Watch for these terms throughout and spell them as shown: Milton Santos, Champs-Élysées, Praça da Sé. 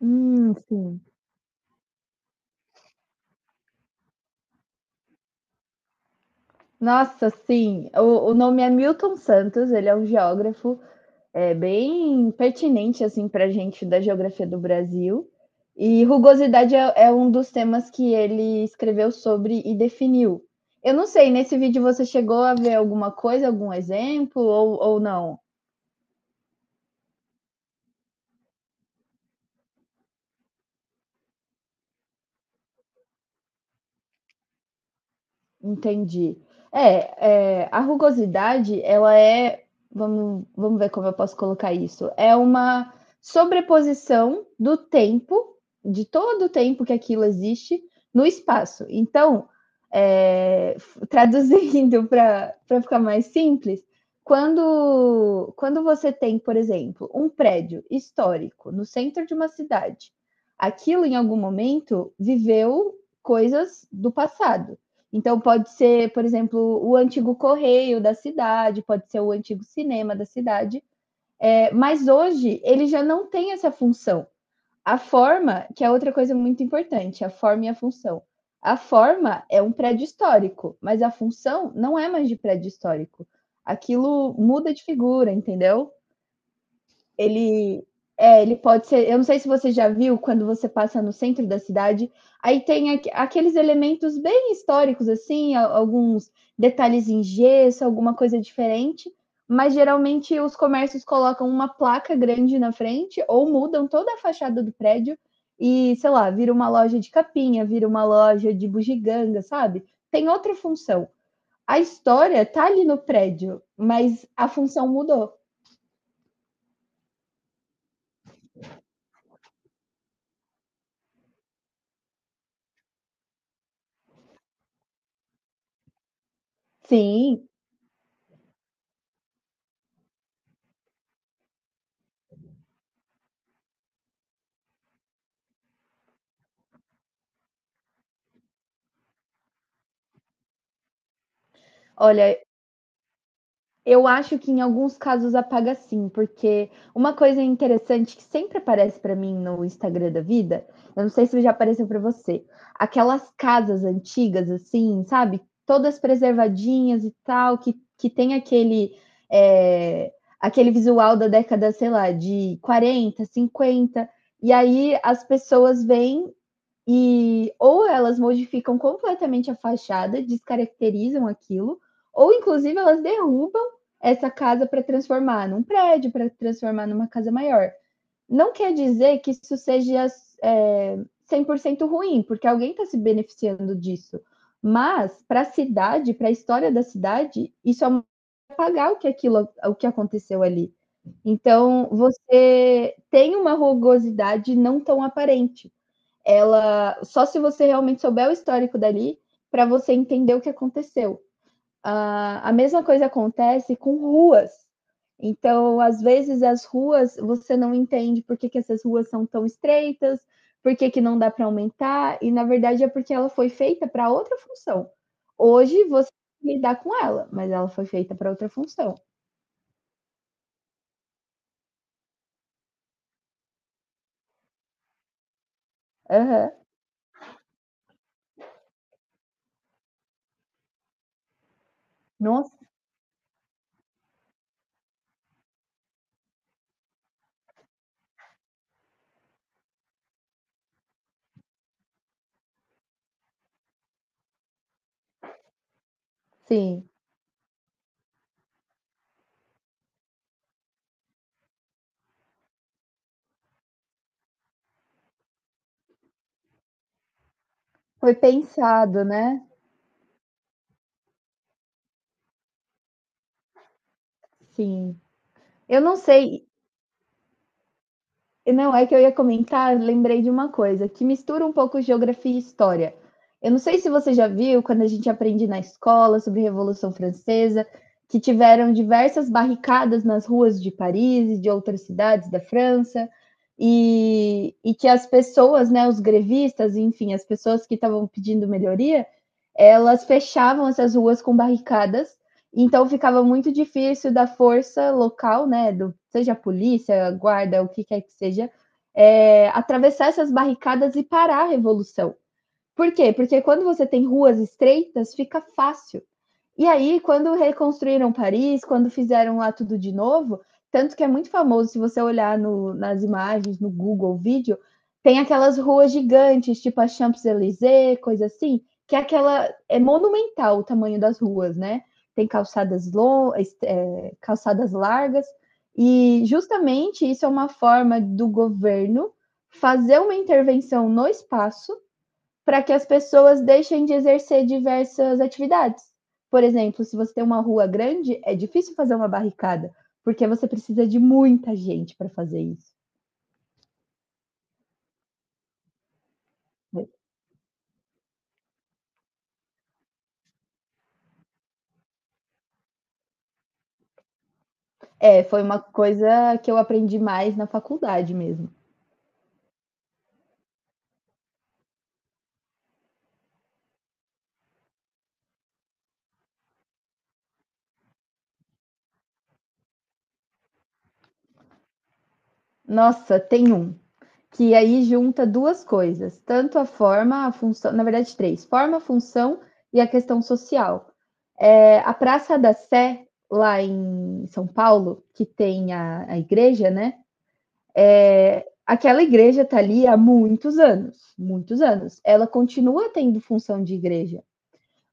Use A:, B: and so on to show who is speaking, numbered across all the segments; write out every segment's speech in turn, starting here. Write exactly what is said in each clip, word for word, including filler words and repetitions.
A: Hum, sim. Nossa, sim. O, o nome é Milton Santos, ele é um geógrafo, é bem pertinente assim para a gente da geografia do Brasil. E rugosidade é, é um dos temas que ele escreveu sobre e definiu. Eu não sei, nesse vídeo você chegou a ver alguma coisa, algum exemplo ou, ou não? Entendi. É, é, a rugosidade, ela é, vamos, vamos ver como eu posso colocar isso, é uma sobreposição do tempo, de todo o tempo que aquilo existe, no espaço. Então, é, traduzindo para ficar mais simples, quando, quando você tem, por exemplo, um prédio histórico no centro de uma cidade, aquilo em algum momento viveu coisas do passado. Então, pode ser, por exemplo, o antigo correio da cidade, pode ser o antigo cinema da cidade. É, mas hoje ele já não tem essa função. A forma, que é outra coisa muito importante, a forma e a função. A forma é um prédio histórico, mas a função não é mais de prédio histórico. Aquilo muda de figura, entendeu? Ele é, Ele pode ser. Eu não sei se você já viu quando você passa no centro da cidade, aí tem aqu- aqueles elementos bem históricos, assim, a- alguns detalhes em gesso, alguma coisa diferente, mas geralmente os comércios colocam uma placa grande na frente ou mudam toda a fachada do prédio e, sei lá, vira uma loja de capinha, vira uma loja de bugiganga, sabe? Tem outra função. A história tá ali no prédio, mas a função mudou. Sim. Olha, eu acho que em alguns casos apaga sim, porque uma coisa interessante que sempre aparece para mim no Instagram da vida, eu não sei se já apareceu para você, aquelas casas antigas assim, sabe? Todas preservadinhas e tal, que, que tem aquele é, aquele visual da década, sei lá, de quarenta, cinquenta, e aí as pessoas vêm e ou elas modificam completamente a fachada, descaracterizam aquilo, ou inclusive elas derrubam essa casa para transformar num prédio, para transformar numa casa maior. Não quer dizer que isso seja é, cem por cento ruim, porque alguém está se beneficiando disso. Mas para a cidade, para a história da cidade, isso é uma pagar o que aquilo, o que aconteceu ali. Então, você tem uma rugosidade não tão aparente, ela só se você realmente souber o histórico dali para você entender o que aconteceu. A, a mesma coisa acontece com ruas. Então, às vezes as ruas você não entende por que, que essas ruas são tão estreitas, por que, que não dá para aumentar, e na verdade é porque ela foi feita para outra função. Hoje você tem que lidar com ela, mas ela foi feita para outra função. Uhum. Nossa, sim. Foi pensado, né? Sim. Eu não sei, Não, é que eu ia comentar, lembrei de uma coisa, que mistura um pouco geografia e história. Eu não sei se você já viu, quando a gente aprende na escola sobre a Revolução Francesa, que tiveram diversas barricadas nas ruas de Paris e de outras cidades da França, e, e que as pessoas, né, os grevistas, enfim, as pessoas que estavam pedindo melhoria, elas fechavam essas ruas com barricadas, então ficava muito difícil da força local, né, do, seja a polícia, guarda, o que quer que seja, é, atravessar essas barricadas e parar a revolução. Por quê? Porque quando você tem ruas estreitas, fica fácil. E aí, quando reconstruíram Paris, quando fizeram lá tudo de novo, tanto que é muito famoso, se você olhar no, nas imagens, no Google Vídeo, tem aquelas ruas gigantes, tipo a Champs-Élysées, coisa assim, que é aquela. É monumental o tamanho das ruas, né? Tem calçadas, long, é, calçadas largas. E justamente isso é uma forma do governo fazer uma intervenção no espaço para que as pessoas deixem de exercer diversas atividades. Por exemplo, se você tem uma rua grande, é difícil fazer uma barricada, porque você precisa de muita gente para fazer isso. É, foi uma coisa que eu aprendi mais na faculdade mesmo. Nossa, tem um que aí junta duas coisas, tanto a forma, a função, na verdade três, forma, função e a questão social. É, a Praça da Sé, lá em São Paulo, que tem a, a igreja, né? É, aquela igreja está ali há muitos anos, muitos anos. Ela continua tendo função de igreja,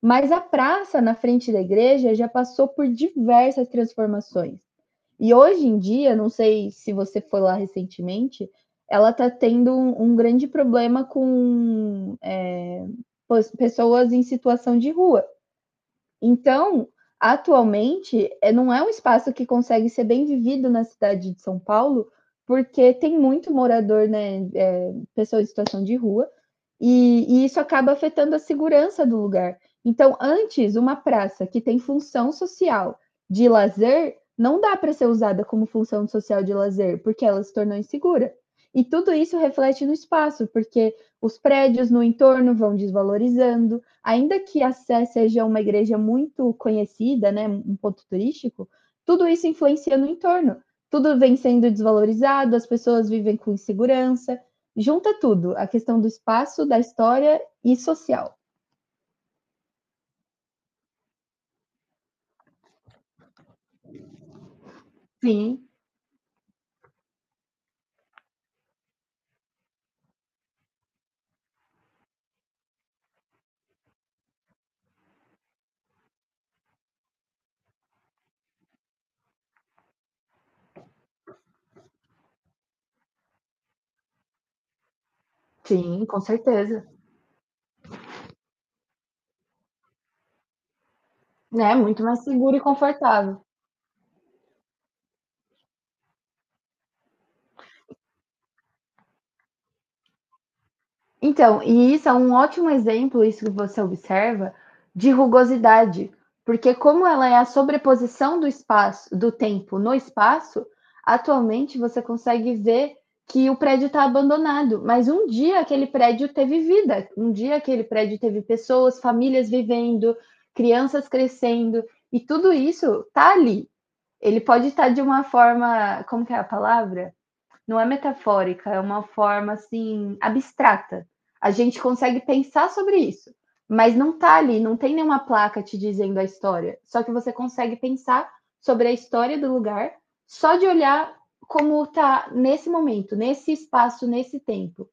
A: mas a praça na frente da igreja já passou por diversas transformações. E hoje em dia, não sei se você foi lá recentemente, ela está tendo um, um, grande problema com é, pessoas em situação de rua. Então, atualmente, eh, não é um espaço que consegue ser bem vivido na cidade de São Paulo, porque tem muito morador, né, eh, pessoa em situação de rua, e e isso acaba afetando a segurança do lugar. Então, antes, uma praça que tem função social de lazer, não dá para ser usada como função social de lazer, porque ela se tornou insegura. E tudo isso reflete no espaço, porque os prédios no entorno vão desvalorizando, ainda que a Sé seja uma igreja muito conhecida, né, um ponto turístico, tudo isso influencia no entorno. Tudo vem sendo desvalorizado, as pessoas vivem com insegurança, junta tudo, a questão do espaço, da história e social. Sim, sim, com certeza. É, né? Muito mais seguro e confortável. Então, e isso é um ótimo exemplo, isso que você observa, de rugosidade, porque como ela é a sobreposição do espaço, do tempo no espaço, atualmente você consegue ver que o prédio está abandonado, mas um dia aquele prédio teve vida, um dia aquele prédio teve pessoas, famílias vivendo, crianças crescendo, e tudo isso está ali. Ele pode estar tá de uma forma, como que é a palavra? Não é metafórica, é uma forma assim abstrata. A gente consegue pensar sobre isso, mas não tá ali, não tem nenhuma placa te dizendo a história. Só que você consegue pensar sobre a história do lugar só de olhar como tá nesse momento, nesse espaço, nesse tempo.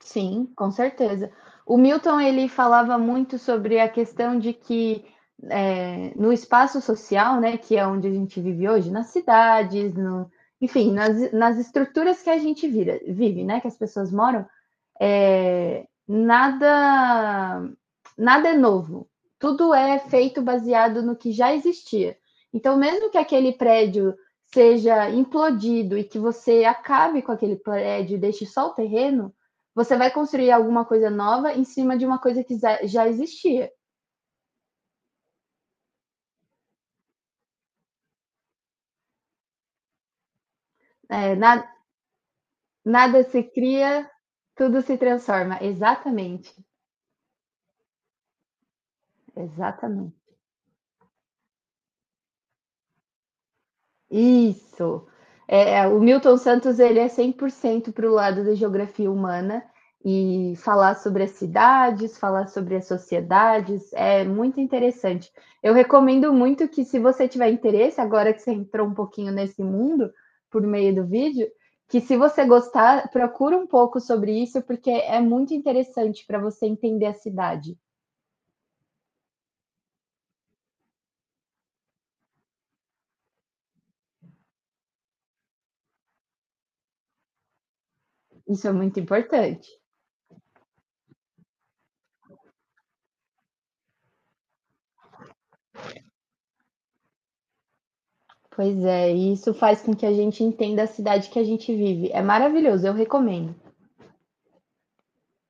A: Sim, com certeza. O Milton ele falava muito sobre a questão de que é, no espaço social, né, que é onde a gente vive hoje, nas cidades, no, enfim, nas, nas estruturas que a gente vira, vive, né, que as pessoas moram, é, nada, nada é novo. Tudo é feito baseado no que já existia. Então, mesmo que aquele prédio seja implodido e que você acabe com aquele prédio e deixe só o terreno, você vai construir alguma coisa nova em cima de uma coisa que já existia. É, nada, nada se cria, tudo se transforma. Exatamente. Exatamente. Isso. É, é, o Milton Santos ele é cem por cento para o lado da geografia humana e falar sobre as cidades, falar sobre as sociedades, é muito interessante. Eu recomendo muito que se você tiver interesse, agora que você entrou um pouquinho nesse mundo por meio do vídeo, que se você gostar, procura um pouco sobre isso, porque é muito interessante para você entender a cidade. Isso é muito importante. Pois é, e isso faz com que a gente entenda a cidade que a gente vive. É maravilhoso, eu recomendo.